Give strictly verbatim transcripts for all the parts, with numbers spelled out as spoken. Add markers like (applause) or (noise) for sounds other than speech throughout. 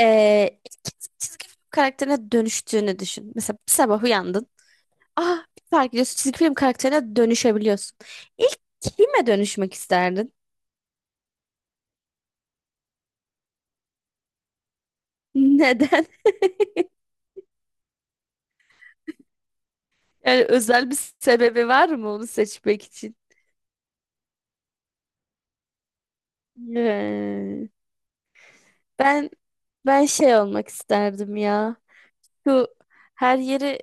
Ee, ilk çizgi film karakterine dönüştüğünü düşün. Mesela bir sabah uyandın. Ah bir fark ediyorsun, çizgi film karakterine dönüşebiliyorsun. İlk kime dönüşmek isterdin? Neden? (laughs) Yani özel bir sebebi var mı onu seçmek için? Ee, ben ben şey olmak isterdim ya. Şu, her yeri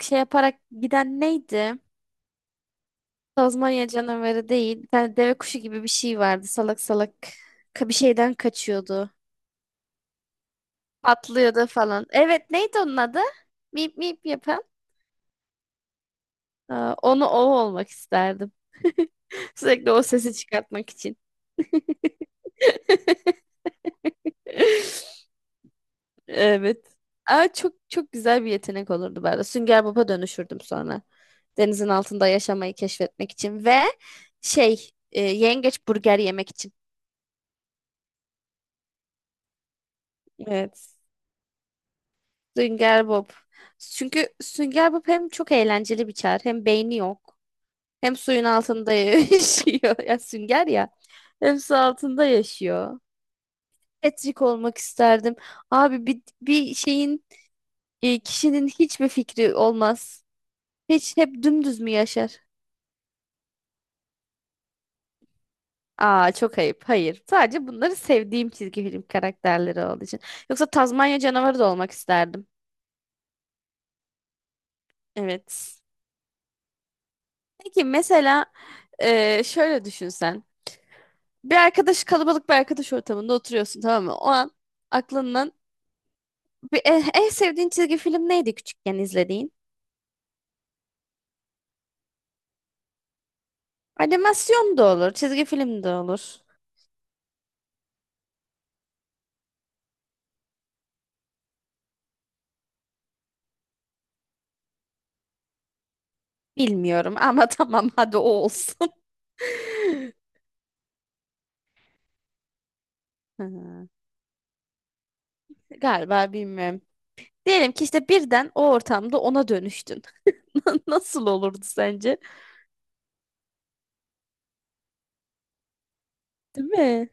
şey yaparak giden neydi? Tazmanya canavarı değil. Bir tane deve kuşu gibi bir şey vardı. Salak salak ka- bir şeyden kaçıyordu. Atlıyordu falan. Evet, neydi onun adı? Mip mip yapan. Aa, onu, o olmak isterdim. (laughs) Sürekli o sesi çıkartmak için. (laughs) Evet. Aa, çok çok güzel bir yetenek olurdu ben de. Sünger Bob'a dönüşürdüm sonra. Denizin altında yaşamayı keşfetmek için ve şey e, yengeç burger yemek için. Evet. Sünger Bob. Çünkü Sünger Bob hem çok eğlenceli bir çağrı, hem beyni yok. Hem suyun altında (laughs) yaşıyor. Ya sünger ya. Hem su altında yaşıyor. Patrick olmak isterdim. Abi bir, bir şeyin, e, kişinin hiçbir fikri olmaz. Hiç hep dümdüz mü yaşar? Aa, çok ayıp. Hayır. Sadece bunları sevdiğim çizgi film karakterleri olduğu için. Yoksa Tazmanya canavarı da olmak isterdim. Evet. Peki mesela, e, şöyle düşünsen. Bir arkadaş Kalabalık bir arkadaş ortamında oturuyorsun, tamam mı? O an aklından Bir- eh, en sevdiğin çizgi film neydi küçükken izlediğin? Animasyon da olur, çizgi film de olur. Bilmiyorum ama (laughs) tamam, hadi o olsun. (laughs) Ha, galiba bilmiyorum. Diyelim ki işte birden o ortamda ona dönüştün. (laughs) Nasıl olurdu sence? Değil mi?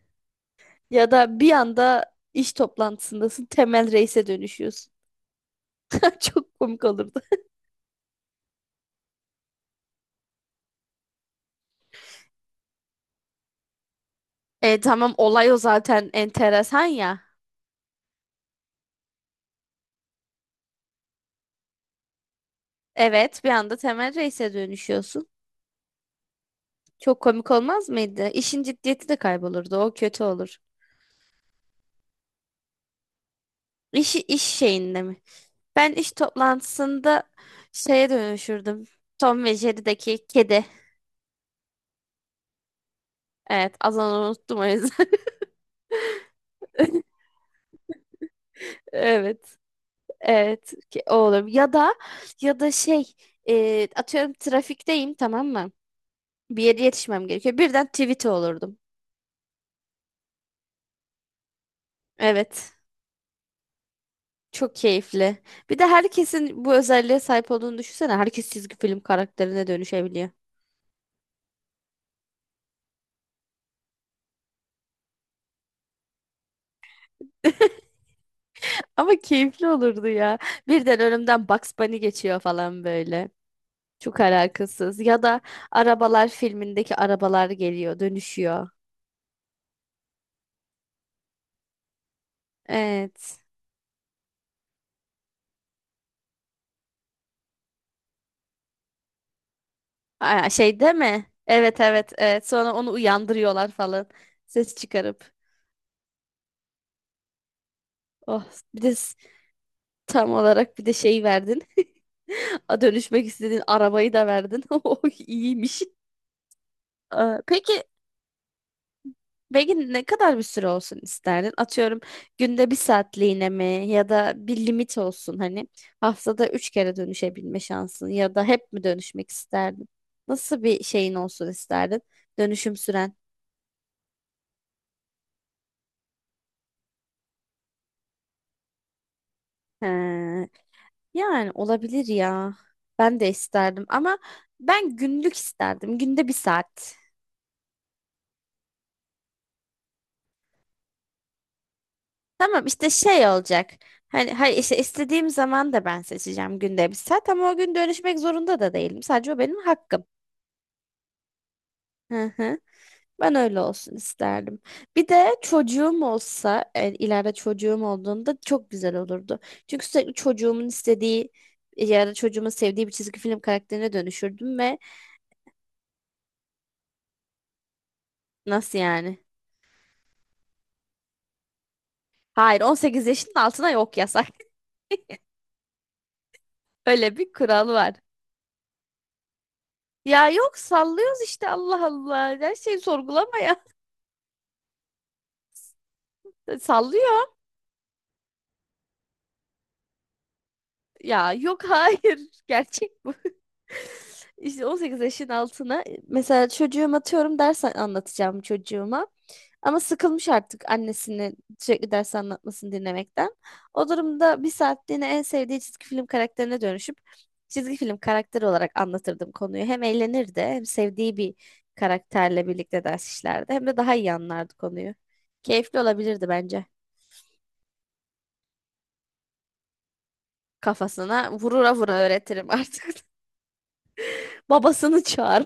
Ya da bir anda iş toplantısındasın, Temel Reis'e dönüşüyorsun. (laughs) Çok komik olurdu. E tamam, olay o zaten, enteresan ya. Evet, bir anda Temel Reis'e dönüşüyorsun. Çok komik olmaz mıydı? İşin ciddiyeti de kaybolurdu. O kötü olur. İş, iş şeyinde mi? Ben iş toplantısında şeye dönüşürdüm. Tom ve Jerry'deki kedi. Evet, az onu unuttum o yüzden. (laughs) Evet. Evet, ki- o olur. Ya da ya da şey, e, atıyorum trafikteyim, tamam mı? Bir yere yetişmem gerekiyor. Birden tweet olurdum. Evet. Çok keyifli. Bir de herkesin bu özelliğe sahip olduğunu düşünsene. Herkes çizgi film karakterine dönüşebiliyor. Ama keyifli olurdu ya. Birden önümden Bugs Bunny geçiyor falan böyle. Çok alakasız. Ya da Arabalar filmindeki arabalar geliyor, dönüşüyor. Evet. Aa, şey değil mi? Evet, evet, evet. Sonra onu uyandırıyorlar falan. Ses çıkarıp. Oh, bir de s- tam olarak bir de şey verdin. (laughs) A, dönüşmek istediğin arabayı da verdin. (laughs) Oh, iyiymiş. Aa, Peki Peki ne kadar bir süre olsun isterdin? Atıyorum, günde bir saatliğine mi, ya da bir limit olsun, hani haftada üç kere dönüşebilme şansın, ya da hep mi dönüşmek isterdin? Nasıl bir şeyin olsun isterdin? Dönüşüm süren. He, yani olabilir ya. Ben de isterdim ama ben günlük isterdim. Günde bir saat. Tamam, işte şey olacak. Hani, hayır, işte istediğim zaman da ben seçeceğim, günde bir saat, ama o gün dönüşmek zorunda da değilim. Sadece o benim hakkım. Hı hı. Ben öyle olsun isterdim. Bir de çocuğum olsa, e, ileride çocuğum olduğunda çok güzel olurdu. Çünkü sürekli çocuğumun istediği ya da çocuğumun sevdiği bir çizgi film karakterine dönüşürdüm. Ve nasıl yani? Hayır, on sekiz yaşının altına yok, yasak. (laughs) Öyle bir kural var. Ya yok, sallıyoruz işte, Allah Allah. Her şeyi sorgulama ya. (laughs) Sallıyor. Ya yok, hayır. (laughs) Gerçek bu. (laughs) İşte on sekiz yaşın altına, e, mesela çocuğum, atıyorum ders anlatacağım çocuğuma. Ama sıkılmış artık annesini sürekli ders anlatmasını dinlemekten. O durumda bir saatliğine en sevdiği çizgi film karakterine dönüşüp çizgi film karakteri olarak anlatırdım konuyu. Hem eğlenirdi, hem sevdiği bir karakterle birlikte ders işlerdi, hem de daha iyi anlardı konuyu. Keyifli olabilirdi bence. Kafasına vurura vura öğretirim artık. (laughs) Babasını çağır.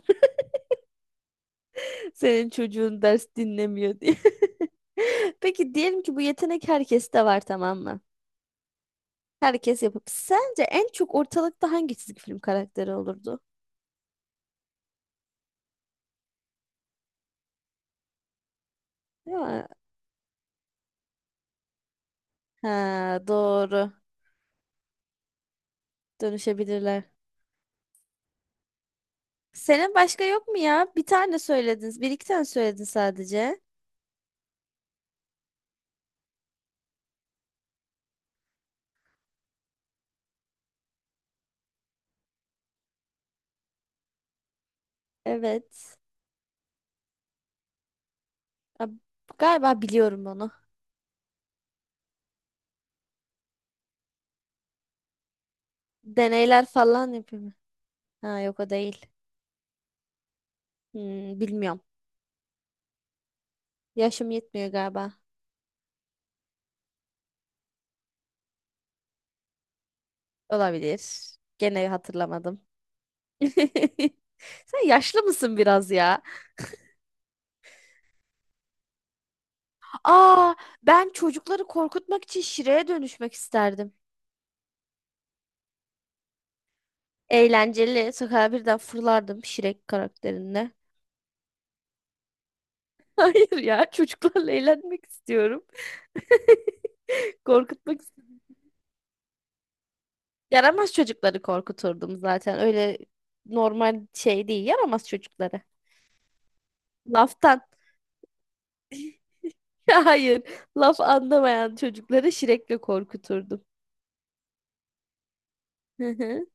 (laughs) Senin çocuğun ders dinlemiyor diye. (laughs) Peki diyelim ki bu yetenek herkeste var, tamam mı? Herkes yapıp. Sence en çok ortalıkta hangi çizgi film karakteri olurdu? Değil mi? Ha, doğru. Dönüşebilirler. Senin başka yok mu ya? Bir tane söylediniz. Bir iki tane söyledin sadece. Evet. A- Galiba biliyorum onu. Deneyler falan yapıyor mu? Ha yok, o değil. Hmm, bilmiyorum. Yaşım yetmiyor galiba. Olabilir. Gene hatırlamadım. (laughs) Sen yaşlı mısın biraz ya? Aa, ben çocukları korkutmak için şireye dönüşmek isterdim. Eğlenceli. Sokağa birden fırlardım Şirek karakterinde. (laughs) Hayır ya, çocuklarla eğlenmek istiyorum. (laughs) Korkutmak istiyorum. Yaramaz çocukları korkuturdum zaten. Öyle normal şey değil. Yaramaz çocukları. Laftan. (laughs) Hayır. Laf anlamayan çocukları Şirek'le korkuturdum. (laughs)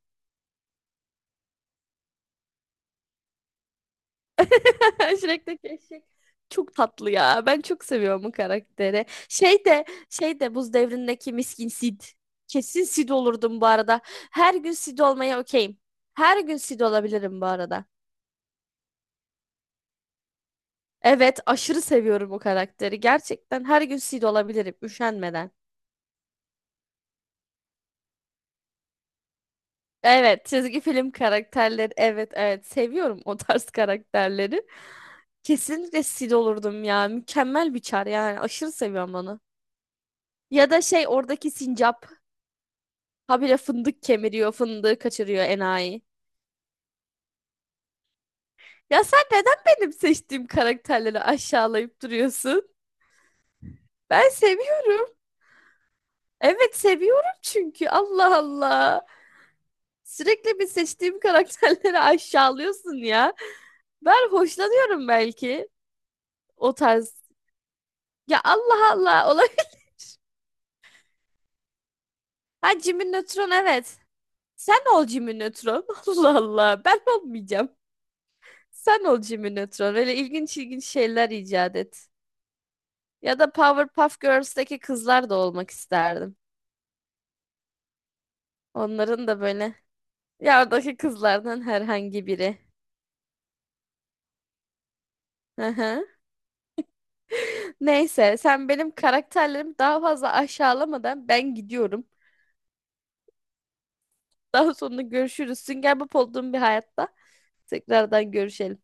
(laughs) Shrek'teki eşek çok tatlı ya. Ben çok seviyorum bu karakteri. Şey de şey de Buz Devri'ndeki miskin Sid. Kesin Sid olurdum bu arada. Her gün Sid olmaya okeyim. Her gün Sid olabilirim bu arada. Evet, aşırı seviyorum bu karakteri. Gerçekten her gün Sid olabilirim üşenmeden. Evet, çizgi film karakterleri. Evet, evet. Seviyorum o tarz karakterleri. Kesinlikle Sid olurdum ya. Mükemmel bir çar yani. Aşırı seviyorum onu. Ya da şey oradaki sincap. Habire fındık kemiriyor, fındığı kaçırıyor enayi. Ya sen neden benim seçtiğim karakterleri aşağılayıp duruyorsun? Ben seviyorum. Evet seviyorum, çünkü Allah Allah. Sürekli bir seçtiğim (laughs) karakterleri aşağılıyorsun ya. Ben hoşlanıyorum belki o tarz. Ya Allah Allah, olabilir. (laughs) Ha, Jimmy Neutron, evet. Sen ol Jimmy Neutron. (laughs) Allah Allah, ben olmayacağım. Sen ol Jimmy Neutron. Öyle ilginç ilginç şeyler icat et. Ya da Powerpuff Girls'teki kızlar da olmak isterdim. Onların da böyle, ya oradaki kızlardan herhangi biri. Hı hı. Neyse, sen benim karakterlerimi daha fazla aşağılamadan ben gidiyorum. Daha sonra görüşürüz. Sünger Bob olduğum bir hayatta tekrardan görüşelim.